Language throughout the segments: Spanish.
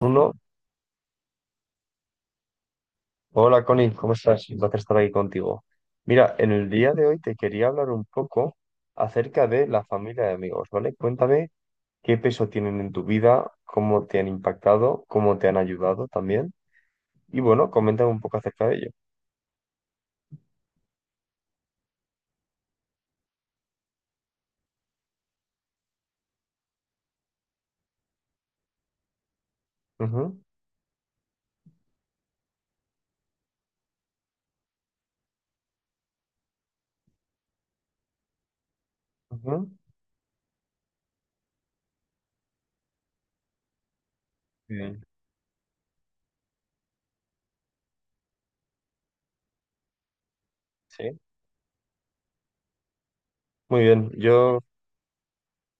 Uno, hola Connie, ¿cómo estás? Un placer estar aquí contigo. Mira, en el día de hoy te quería hablar un poco acerca de la familia de amigos, ¿vale? Cuéntame qué peso tienen en tu vida, cómo te han impactado, cómo te han ayudado también. Y bueno, coméntame un poco acerca de ello. Ujú, ujú. Bien. Sí, muy bien. Yo,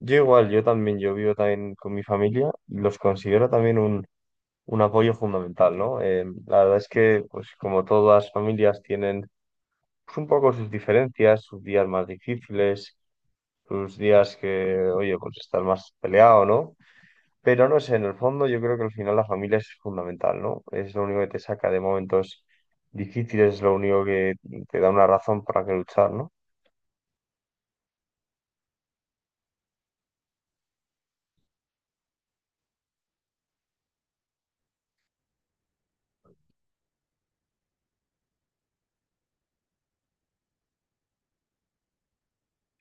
yo igual, yo también, yo vivo también con mi familia y los considero también un apoyo fundamental, ¿no? La verdad es que, pues como todas las familias tienen pues, un poco sus diferencias, sus días más difíciles, sus días que, oye, pues estás más peleado, ¿no? Pero no sé, en el fondo yo creo que al final la familia es fundamental, ¿no? Es lo único que te saca de momentos difíciles, es lo único que te da una razón para que luchar, ¿no?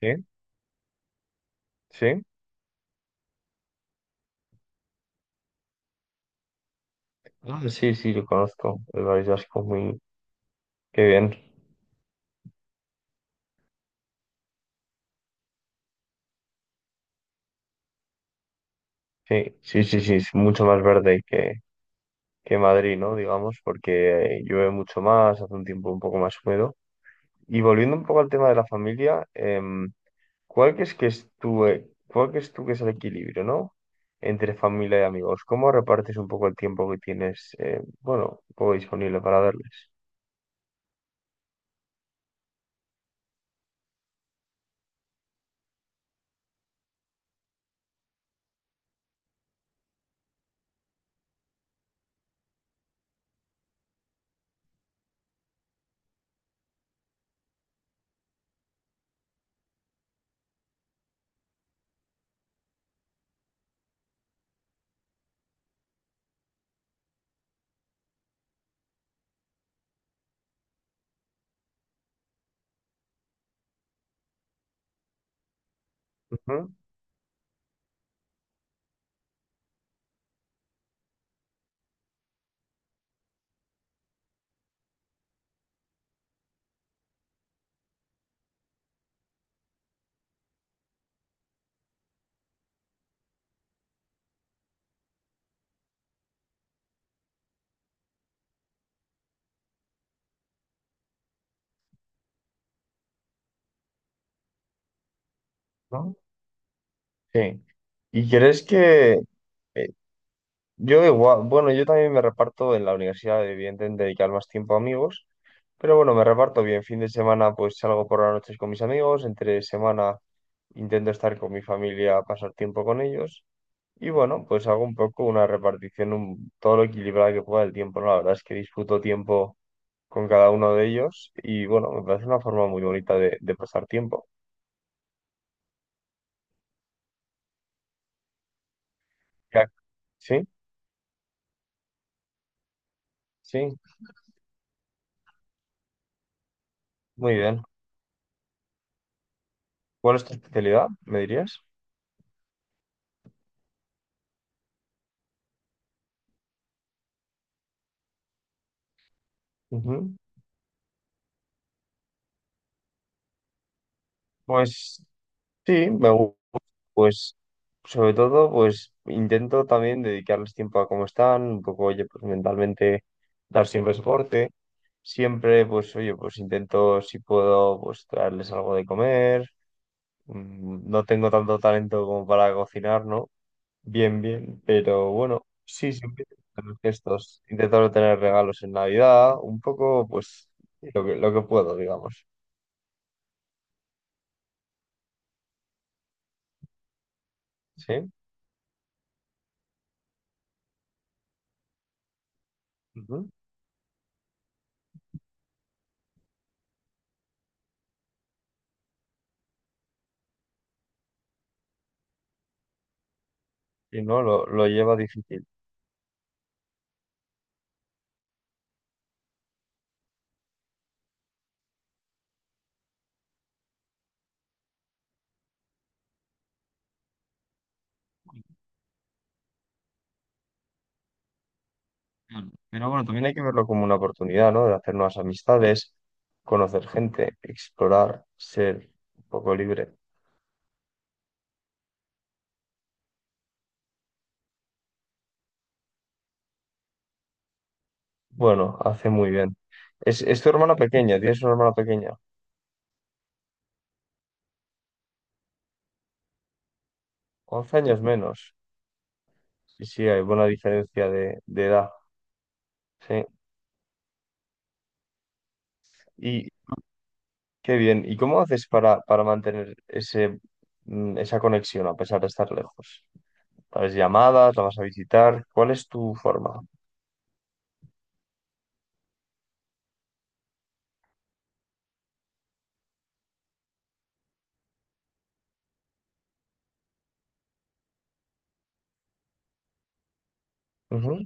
Sí, sí. Ah, sí, sí, lo conozco. El País Vasco, muy... Qué bien. Sí, sí, sí, sí, es mucho más verde que Madrid, ¿no? Digamos, porque llueve mucho más, hace un tiempo un poco más húmedo. Y volviendo un poco al tema de la familia, ¿cuál crees que es tu, cuál crees tú que es el equilibrio, ¿no? Entre familia y amigos. ¿Cómo repartes un poco el tiempo que tienes, bueno, un poco disponible para darles? Ujú, ¿no? Sí. ¿Y crees que eh, yo igual, bueno, yo también me reparto en la universidad, evidentemente, dedicar más tiempo a amigos, pero bueno, me reparto bien. Fin de semana, pues salgo por las noches con mis amigos, entre semana intento estar con mi familia, pasar tiempo con ellos. Y bueno, pues hago un poco una repartición un- todo lo equilibrada que pueda del tiempo, ¿no? La verdad es que disfruto tiempo con cada uno de ellos y bueno, me parece una forma muy bonita de pasar tiempo. Ya- Sí, sí, muy bien. ¿Cuál es tu especialidad, me dirías? Ujú. Pues sí, pues sobre todo pues intento también dedicarles tiempo a cómo están, un poco, oye, pues mentalmente dar siempre soporte. Siempre, pues, oye, pues intento, si puedo, pues traerles algo de comer. Mm, no tengo tanto talento como para cocinar, ¿no? Bien, bien, pero bueno, sí, siempre los gestos, intento no tener regalos en Navidad, un poco, pues, lo que puedo, digamos, ¿sí? Ujú. Y no, lo lleva difícil. Claro. Pero bueno, también hay que verlo como una oportunidad, ¿no? De hacer nuevas amistades, conocer gente, explorar, ser un poco libre. Bueno, hace muy bien. Es tu hermana pequeña, tienes una hermana pequeña, 11 años menos. Sí, sí, hay buena diferencia de edad. Sí. Y qué bien. ¿Y cómo haces para mantener ese, esa conexión a pesar de estar lejos? ¿Haces llamadas? ¿La vas a visitar? ¿Cuál es tu forma? Ujú.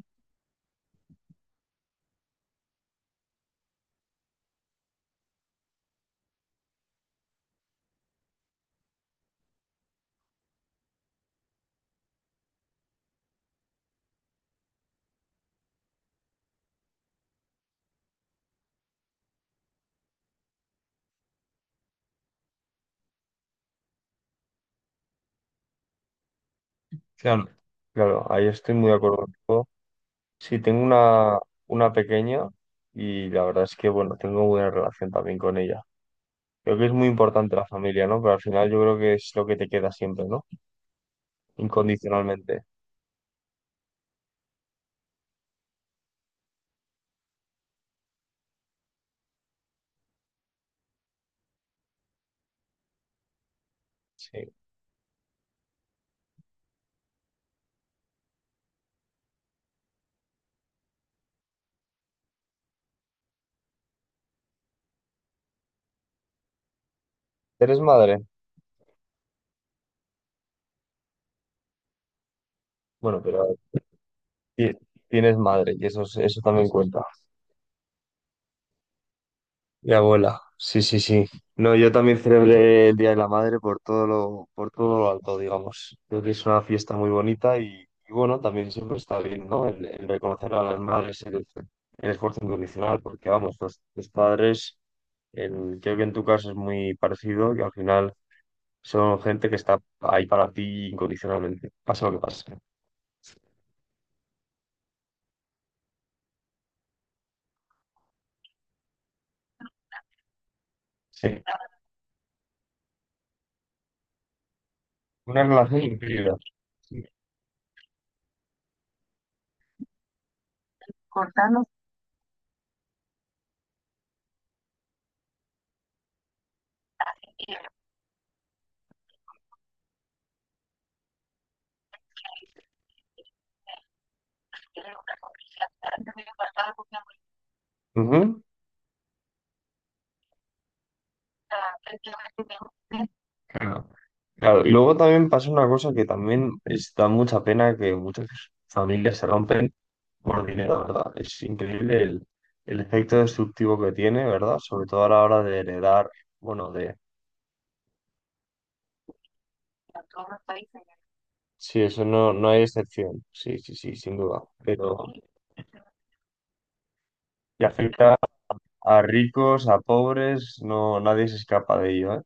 Claro. Claro, ahí estoy muy de acuerdo contigo. Sí, tengo una pequeña y la verdad es que, bueno, tengo buena relación también con ella. Creo que es muy importante la familia, ¿no? Pero al final yo creo que es lo que te queda siempre, ¿no? Incondicionalmente. Sí. ¿Eres madre? Bueno, pero Ti- Tienes madre, y eso, es- eso también cuenta. Y abuela, sí, sí, sí. No, yo también celebré el Día de la Madre por todo lo alto, digamos. Creo que es una fiesta muy bonita y bueno, también siempre está bien, ¿no? El reconocer a las madres el esfuerzo incondicional, porque vamos, los padres, en- creo que en tu caso es muy parecido, que al final son gente que está ahí para ti incondicionalmente, pase lo que pase. Sí. Una relación increíble. Claro. Claro, y luego también pasa una cosa que también es- da mucha pena que muchas familias se rompen por dinero, ¿verdad? Es increíble el efecto destructivo que tiene, ¿verdad? Sobre todo a la hora de heredar, bueno, de... Sí, eso no, no hay excepción, sí, sí, sí, sin duda. Pero que afecta a ricos, a pobres, no, nadie se escapa de ello, ¿eh?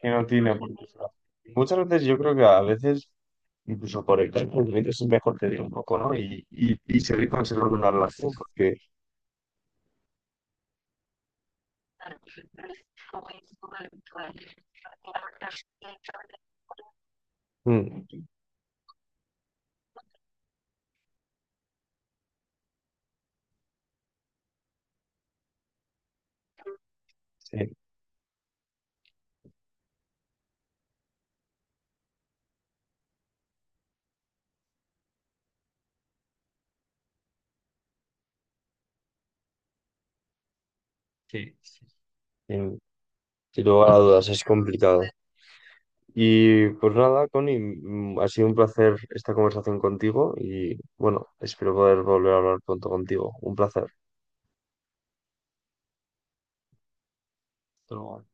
Que no tiene oportunidad. Muchas veces yo creo que a veces, incluso por el tiempo, es mejor te diga un poco, ¿no? Y seguir conservando una relación, porque mm, sí, sí, sí. Sin, sin lugar a dudas es complicado. Y pues nada, Connie, ha sido un placer esta conversación contigo y bueno, espero poder volver a hablar pronto contigo. Un placer. Hasta luego.